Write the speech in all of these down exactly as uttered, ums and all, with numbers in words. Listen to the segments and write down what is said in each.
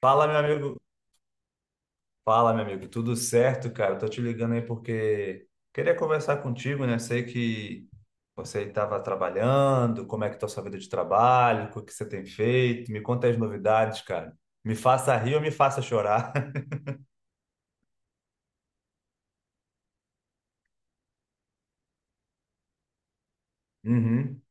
Fala, meu amigo. Fala, meu amigo. Tudo certo, cara? Tô te ligando aí porque queria conversar contigo, né? Sei que você estava trabalhando, como é que tá a sua vida de trabalho, o que você tem feito? Me conta as novidades, cara. Me faça rir ou me faça chorar. Uhum.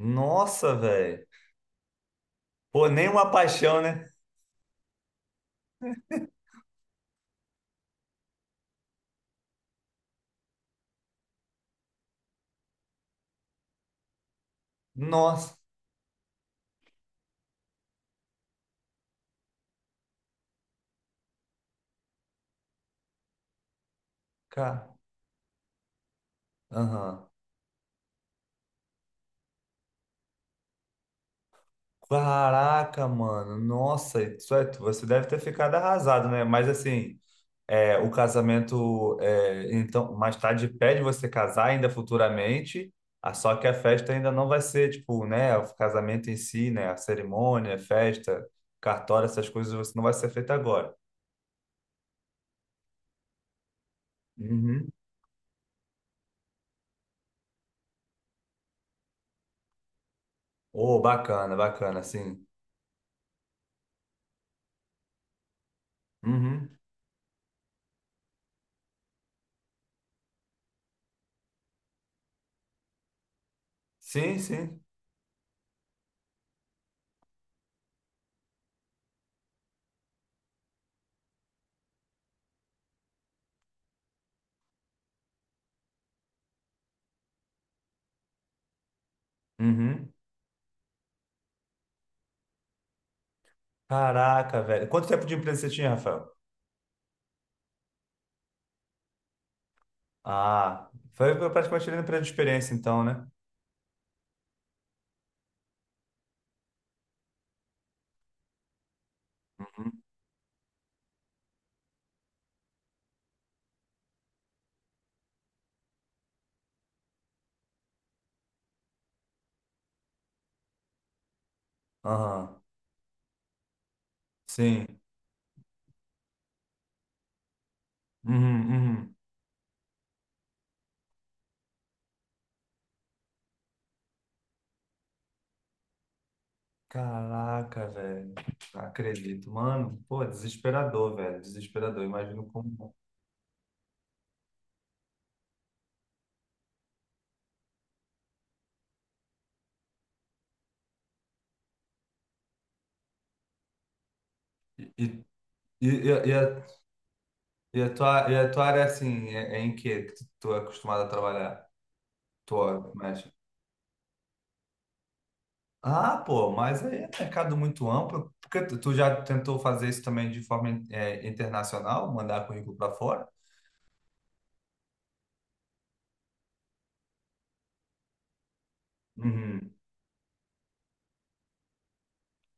Nossa, velho. Pô, nem uma paixão, né? Nossa, cara. Aham. Caraca, mano. Nossa, isso é- você deve ter ficado arrasado, né? Mas assim, é, o casamento, é, então, mais tarde pede você casar ainda futuramente, ah, só que a festa ainda não vai ser, tipo, né, o casamento em si, né, a cerimônia, a festa, cartório, essas coisas, você não vai ser feita agora. Uhum. Oh, bacana, bacana, sim. Uhum. Sim, sim. Uhum. Caraca, velho. Quanto tempo de empresa você tinha, Rafael? Ah, foi praticamente ali no período de experiência, então, né? Uhum. Aham. Sim. Uhum, uhum. Caraca, velho. Não Acredito. Mano, pô, desesperador, velho. Desesperador. Imagino como. E, e, e, e a, e a tua, e a tua área, assim, é, é em que que tu, tu é acostumado a trabalhar? Tu mexe? Ah, pô, mas aí é mercado muito amplo. Porque tu, tu já tentou fazer isso também de forma, eh, internacional, mandar currículo para fora? Uhum.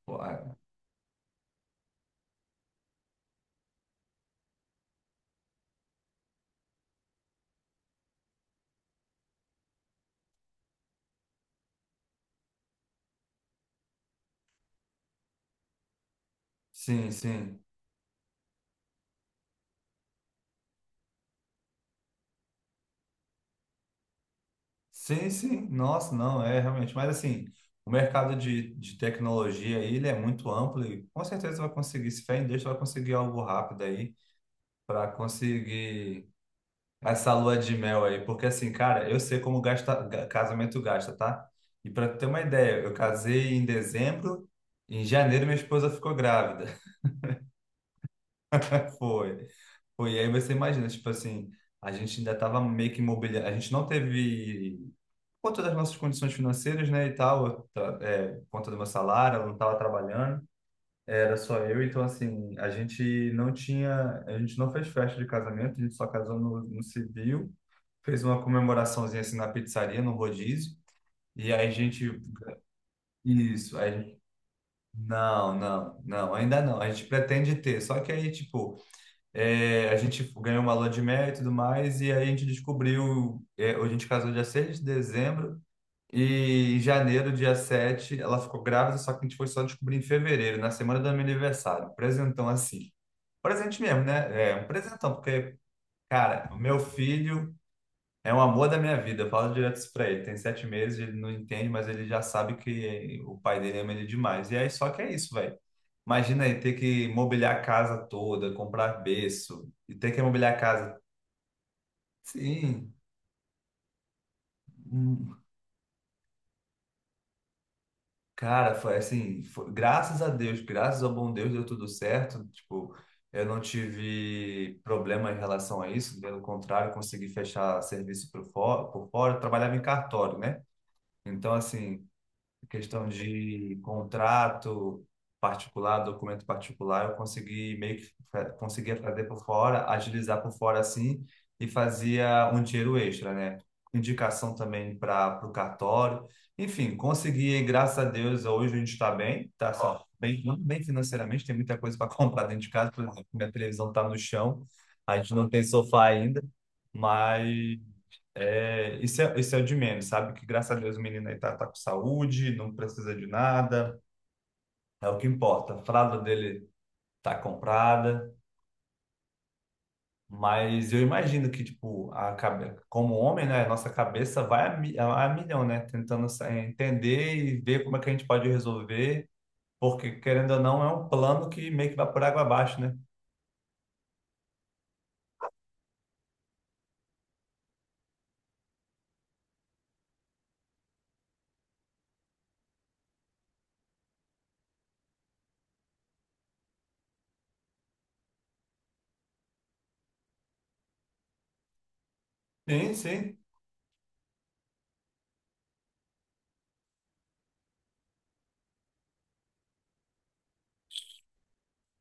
Pô, é. Sim, sim. Sim, sim. Nossa, não, é realmente. Mas assim, o mercado de, de tecnologia aí, ele é muito amplo e com certeza vai conseguir, se fé em Deus, vai conseguir algo rápido aí para conseguir essa lua de mel aí. Porque assim, cara, eu sei como gasta, ga- casamento gasta, tá? E para ter uma ideia, eu casei em dezembro, em janeiro minha esposa ficou grávida. Foi. Foi, e aí você imagina, tipo assim, a gente ainda tava meio que imobiliário, a gente não teve por conta das nossas condições financeiras, né, e tal, eu ta- é, por conta do meu salário, eu não estava trabalhando, era só eu, então, assim, a gente não tinha, a gente não fez festa de casamento, a gente só casou no, no civil, fez uma comemoraçãozinha, assim, na pizzaria, no rodízio, e aí a gente, isso, aí a gente, não, não, não, ainda não, a gente pretende ter, só que aí, tipo, é, a gente ganhou uma lua de mel e tudo mais, e aí a gente descobriu, é, a gente casou dia seis de dezembro. E em janeiro, dia sete ela ficou grávida, só que a gente foi só descobrir em fevereiro, na semana do meu aniversário. Um Presentão assim. Presente mesmo, né? É um presentão, porque, cara, o meu filho é um amor da minha vida. Eu falo direto isso pra ele. Tem sete meses, ele não entende, mas ele já sabe que o pai dele ama ele demais. E aí, só que é isso, velho. Imagina aí ter que mobiliar a casa toda, comprar berço, e ter que mobiliar a casa. Sim, cara, foi assim, foi- graças a Deus, graças ao bom Deus deu tudo certo. Tipo, eu não tive problema em relação a isso, pelo contrário, consegui fechar serviço por fora, por fora. Eu trabalhava em cartório, né? Então, assim, questão de contrato particular, documento particular, eu consegui meio que fa- conseguia fazer por fora, agilizar por fora assim e fazia um dinheiro extra, né? Indicação também para o cartório. Enfim, consegui, graças a Deus, hoje a gente está bem, tá só bem, não bem financeiramente, tem muita coisa para comprar dentro de casa, por exemplo, minha televisão está no chão, a gente não tem sofá ainda, mas é, isso é, isso é o de menos, sabe? Que graças a Deus o menino aí tá, tá com saúde, não precisa de nada, é o que importa. A fralda dele tá comprada, mas eu imagino que, tipo, a cabe... como homem, né? A Nossa cabeça vai a, mi- a a milhão, né? Tentando sa- é, entender e ver como é que a gente pode resolver, porque querendo ou não, é um plano que meio que vai por água abaixo, né? Sim, sim.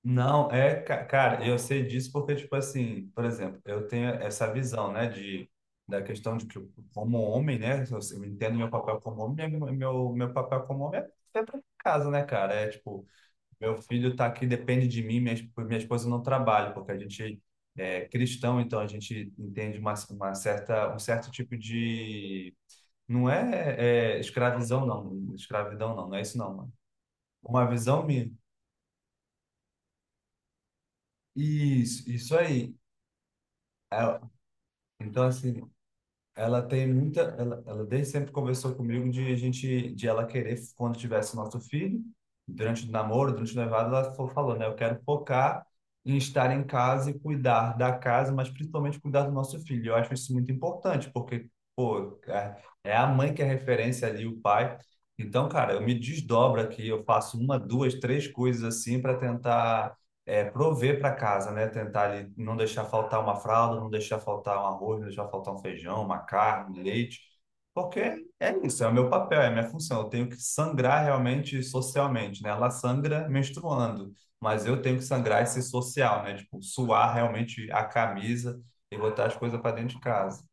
Não, é, ca- cara, eu sei disso porque, tipo assim, por exemplo, eu tenho essa visão, né, de, da questão de que, eu, como homem, né, eu eu entendo meu papel como homem, né, meu, meu meu papel como homem é é pra casa, né, cara? É tipo, meu filho tá aqui, depende de mim, minha, esp- minha esposa não trabalha, porque a gente é cristão, então a gente entende uma, uma certa, um certo tipo de. Não é, é escravidão, não, escravidão, não, não é isso, não, mano. Uma visão minha. Isso, isso aí. É, Então, assim, ela tem muita. Ela, ela desde sempre conversou comigo de a gente, de ela querer, quando tivesse nosso filho, durante o namoro, durante o noivado, ela fo- falou, né? Eu quero focar em estar em casa e cuidar da casa, mas principalmente cuidar do nosso filho. Eu acho isso muito importante, porque, pô, é é a mãe que é referência ali, o pai. Então, cara, eu me desdobro aqui, eu faço uma, duas, três coisas assim para tentar é, prover para casa, né? Tentar ali não deixar faltar uma fralda, não deixar faltar um arroz, não deixar faltar um feijão, uma carne, um leite, porque é isso, é o meu papel, é a minha função. Eu tenho que sangrar realmente socialmente, né? Ela sangra menstruando, mas eu tenho que sangrar esse social, né? Tipo, suar realmente a camisa e botar as coisas para dentro de casa.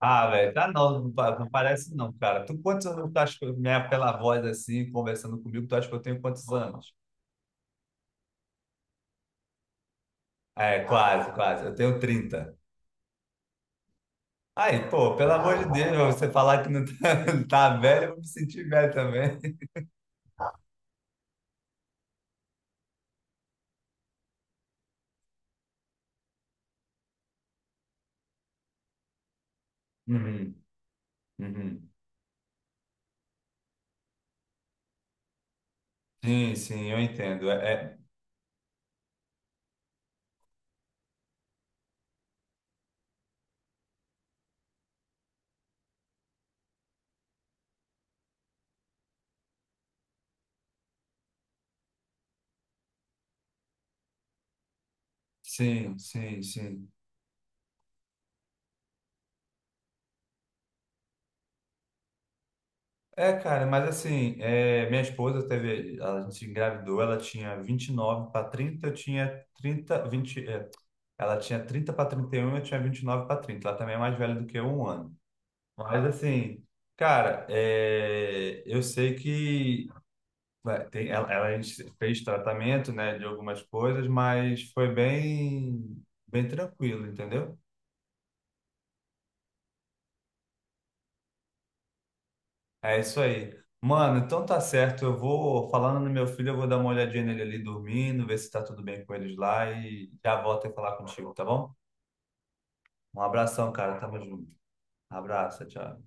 Ah, velho, tá não, não pa- não parece não, cara. Tu quantos anos tu acha que eu- minha, pela voz assim, conversando comigo, tu acha que eu tenho quantos anos? É, quase, quase. Eu tenho trinta. Aí, pô, pelo amor de Deus, você falar que não tá, tá velho, eu vou me sentir velho também. Uhum, uhum. Sim, sim, eu entendo. É, é- sim, sim, sim. É, cara, mas assim, é, minha esposa teve, a gente engravidou, ela tinha vinte e nove para trinta, eu tinha trinta vinte, é, ela tinha trinta para trinta e um, eu tinha vinte e nove para trinta. Ela também é mais velha do que eu um ano. Mas assim, cara, é, eu sei que Vai, tem- ela, ela a gente fez tratamento, né, de algumas coisas, mas foi bem, bem tranquilo, entendeu? É isso aí. Mano, então tá certo. Eu vou, falando no meu filho, eu vou dar uma olhadinha nele ali dormindo, ver se tá tudo bem com eles lá e já volto a falar contigo, tá bom? Um abração, cara. Tamo junto. Abraço, tchau.